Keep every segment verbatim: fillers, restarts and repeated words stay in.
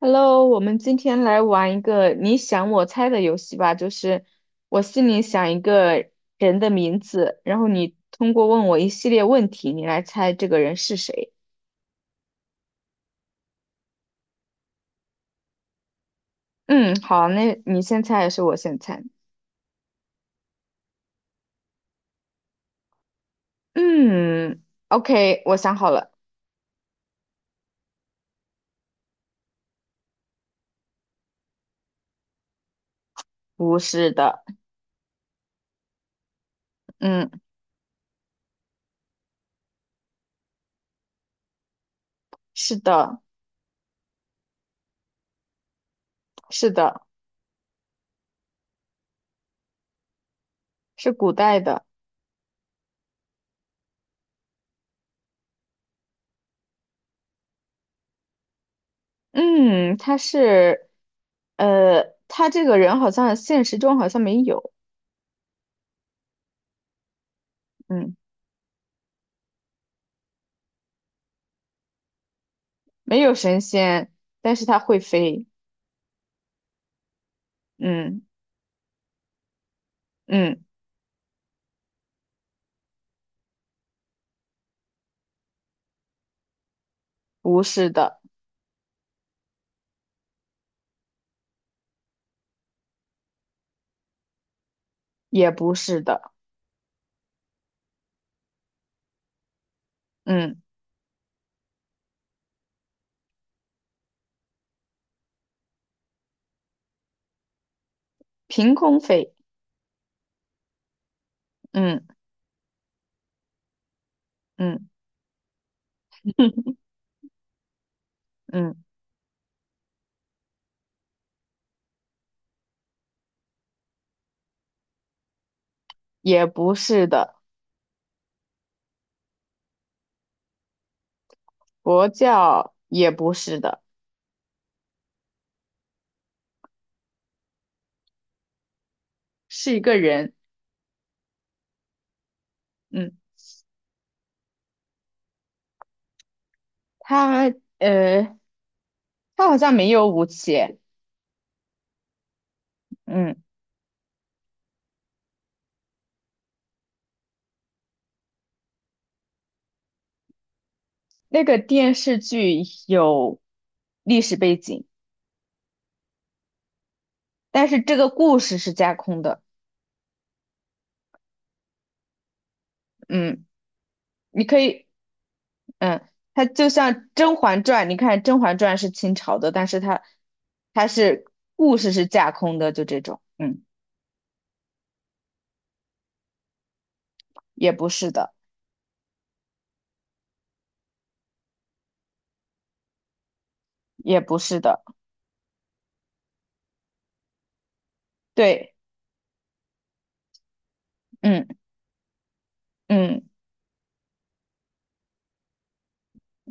Hello，我们今天来玩一个你想我猜的游戏吧，就是我心里想一个人的名字，然后你通过问我一系列问题，你来猜这个人是谁。嗯，好，那你先猜还是我先猜？嗯，OK，我想好了。不是的。嗯，是的，是的。是古代的。嗯，他是，呃，他这个人好像现实中好像没有。嗯，没有神仙，但是他会飞。嗯嗯，不是的。也不是的。嗯，凭空飞。嗯嗯嗯，也不是的。佛教也不是的。是一个人。嗯，他呃，他好像没有武器。嗯，那个电视剧有历史背景，但是这个故事是架空的。嗯，你可以。嗯，它就像《甄嬛传》，你看《甄嬛传》是清朝的，但是它它是故事是架空的，就这种。嗯，也不是的。也不是的。对。嗯嗯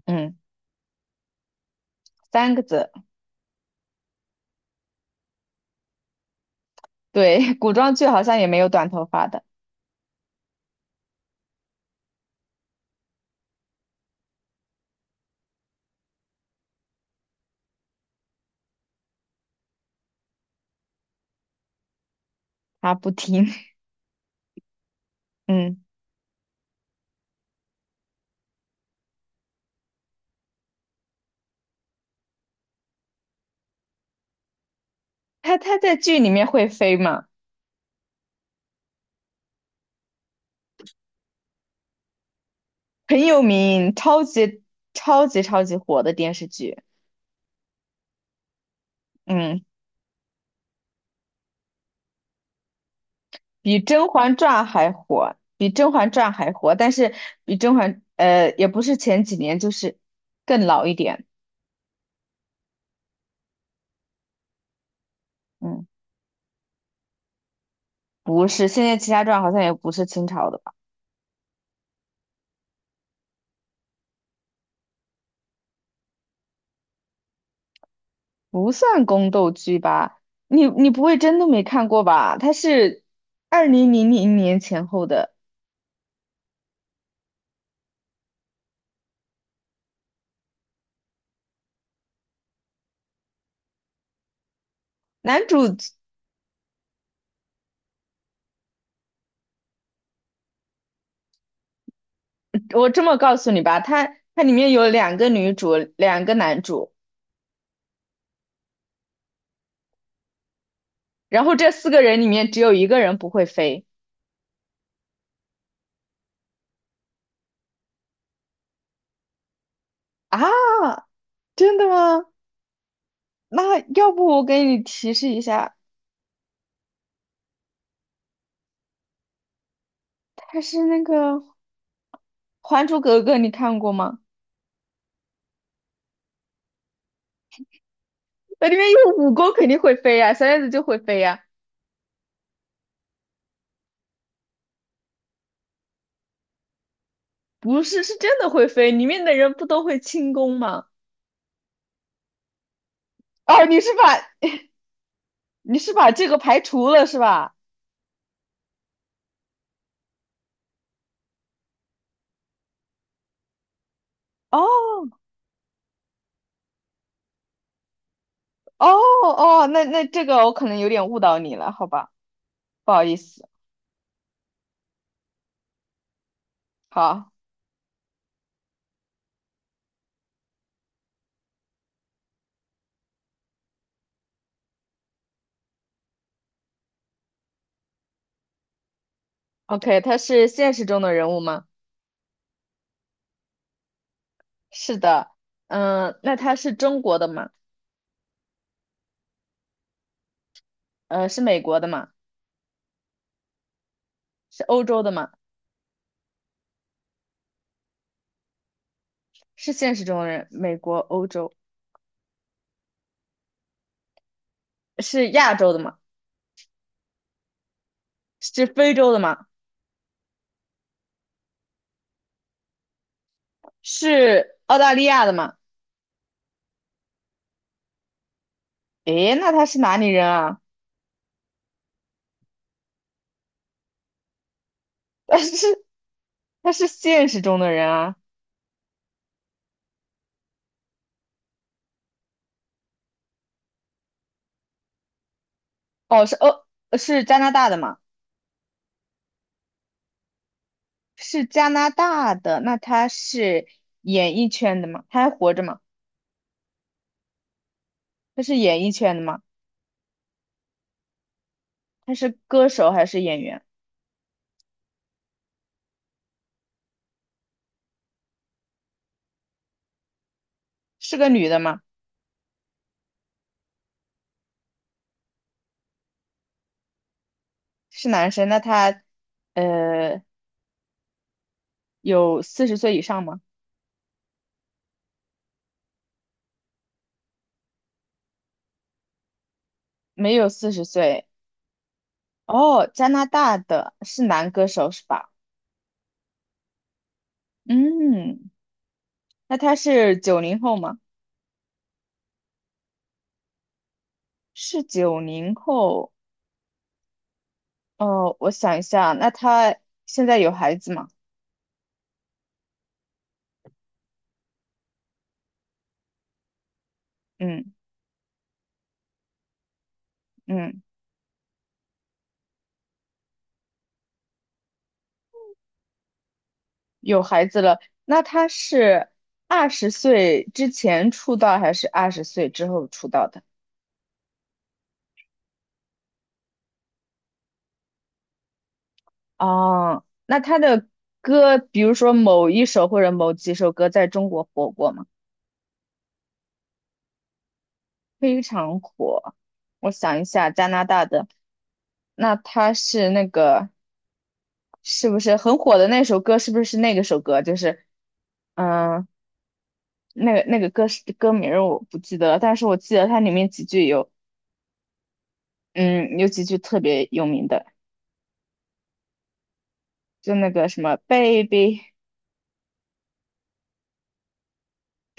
嗯，三个字。对，古装剧好像也没有短头发的。他不听。嗯，他他在剧里面会飞嘛。很有名，超级超级超级火的电视剧。嗯，比《甄嬛传》还火，比《甄嬛传》还火，但是比《甄嬛》呃也不是前几年，就是更老一点。嗯，不是，现在《齐家传》好像也不是清朝的吧。不算宫斗剧吧？你你不会真的没看过吧？它是二零零零年前后的。男主。我这么告诉你吧，它它里面有两个女主，两个男主，然后这四个人里面只有一个人不会飞啊？真的吗？那要不我给你提示一下，他是那个《还珠格格》，你看过吗？那里面有武功，肯定会飞呀、小燕子就会飞呀。不是，是真的会飞，里面的人不都会轻功吗？哦，你是把你是把这个排除了是吧？哦哦哦，那那这个我可能有点误导你了，好吧。不好意思。好，OK，他是现实中的人物吗？是的。嗯，那他是中国的吗？呃，是美国的吗？是欧洲的吗？是现实中的人，美国、欧洲。是亚洲的吗？是非洲的吗？是澳大利亚的吗？诶，那他是哪里人啊？但是他是现实中的人啊？哦，是哦。是加拿大的吗？是加拿大的，那他是演艺圈的吗？他还活着吗？他是演艺圈的吗？他是歌手还是演员？是个女的吗？是男生？那他呃有四十岁以上吗？没有四十岁。哦，加拿大的是男歌手是吧？嗯，那他是九零后吗？是九零后。哦，我想一下，那他现在有孩子吗？嗯嗯，有孩子了。那他是二十岁之前出道还是二十岁之后出道的？哦，那他的歌，比如说某一首或者某几首歌，在中国火过吗？非常火。我想一下，加拿大的，那他是那个。是不是很火的那首歌？是不是那个首歌？就是嗯、呃那个那个歌是歌名儿我不记得了，但是我记得它里面几句有嗯有几句特别有名的。就那个什么 Baby。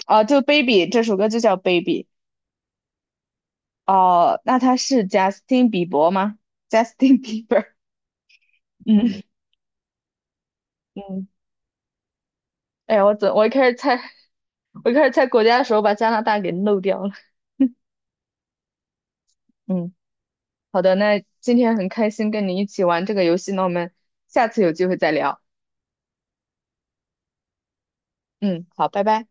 哦，就 Baby 这首歌就叫 Baby。 哦，那他是 Justin 比伯吗？Justin Bieber。嗯嗯，哎呀，我怎我一开始猜我一开始猜国家的时候把加拿大给漏掉了。嗯，好的，那今天很开心跟你一起玩这个游戏，那我们下次有机会再聊。嗯，好，拜拜。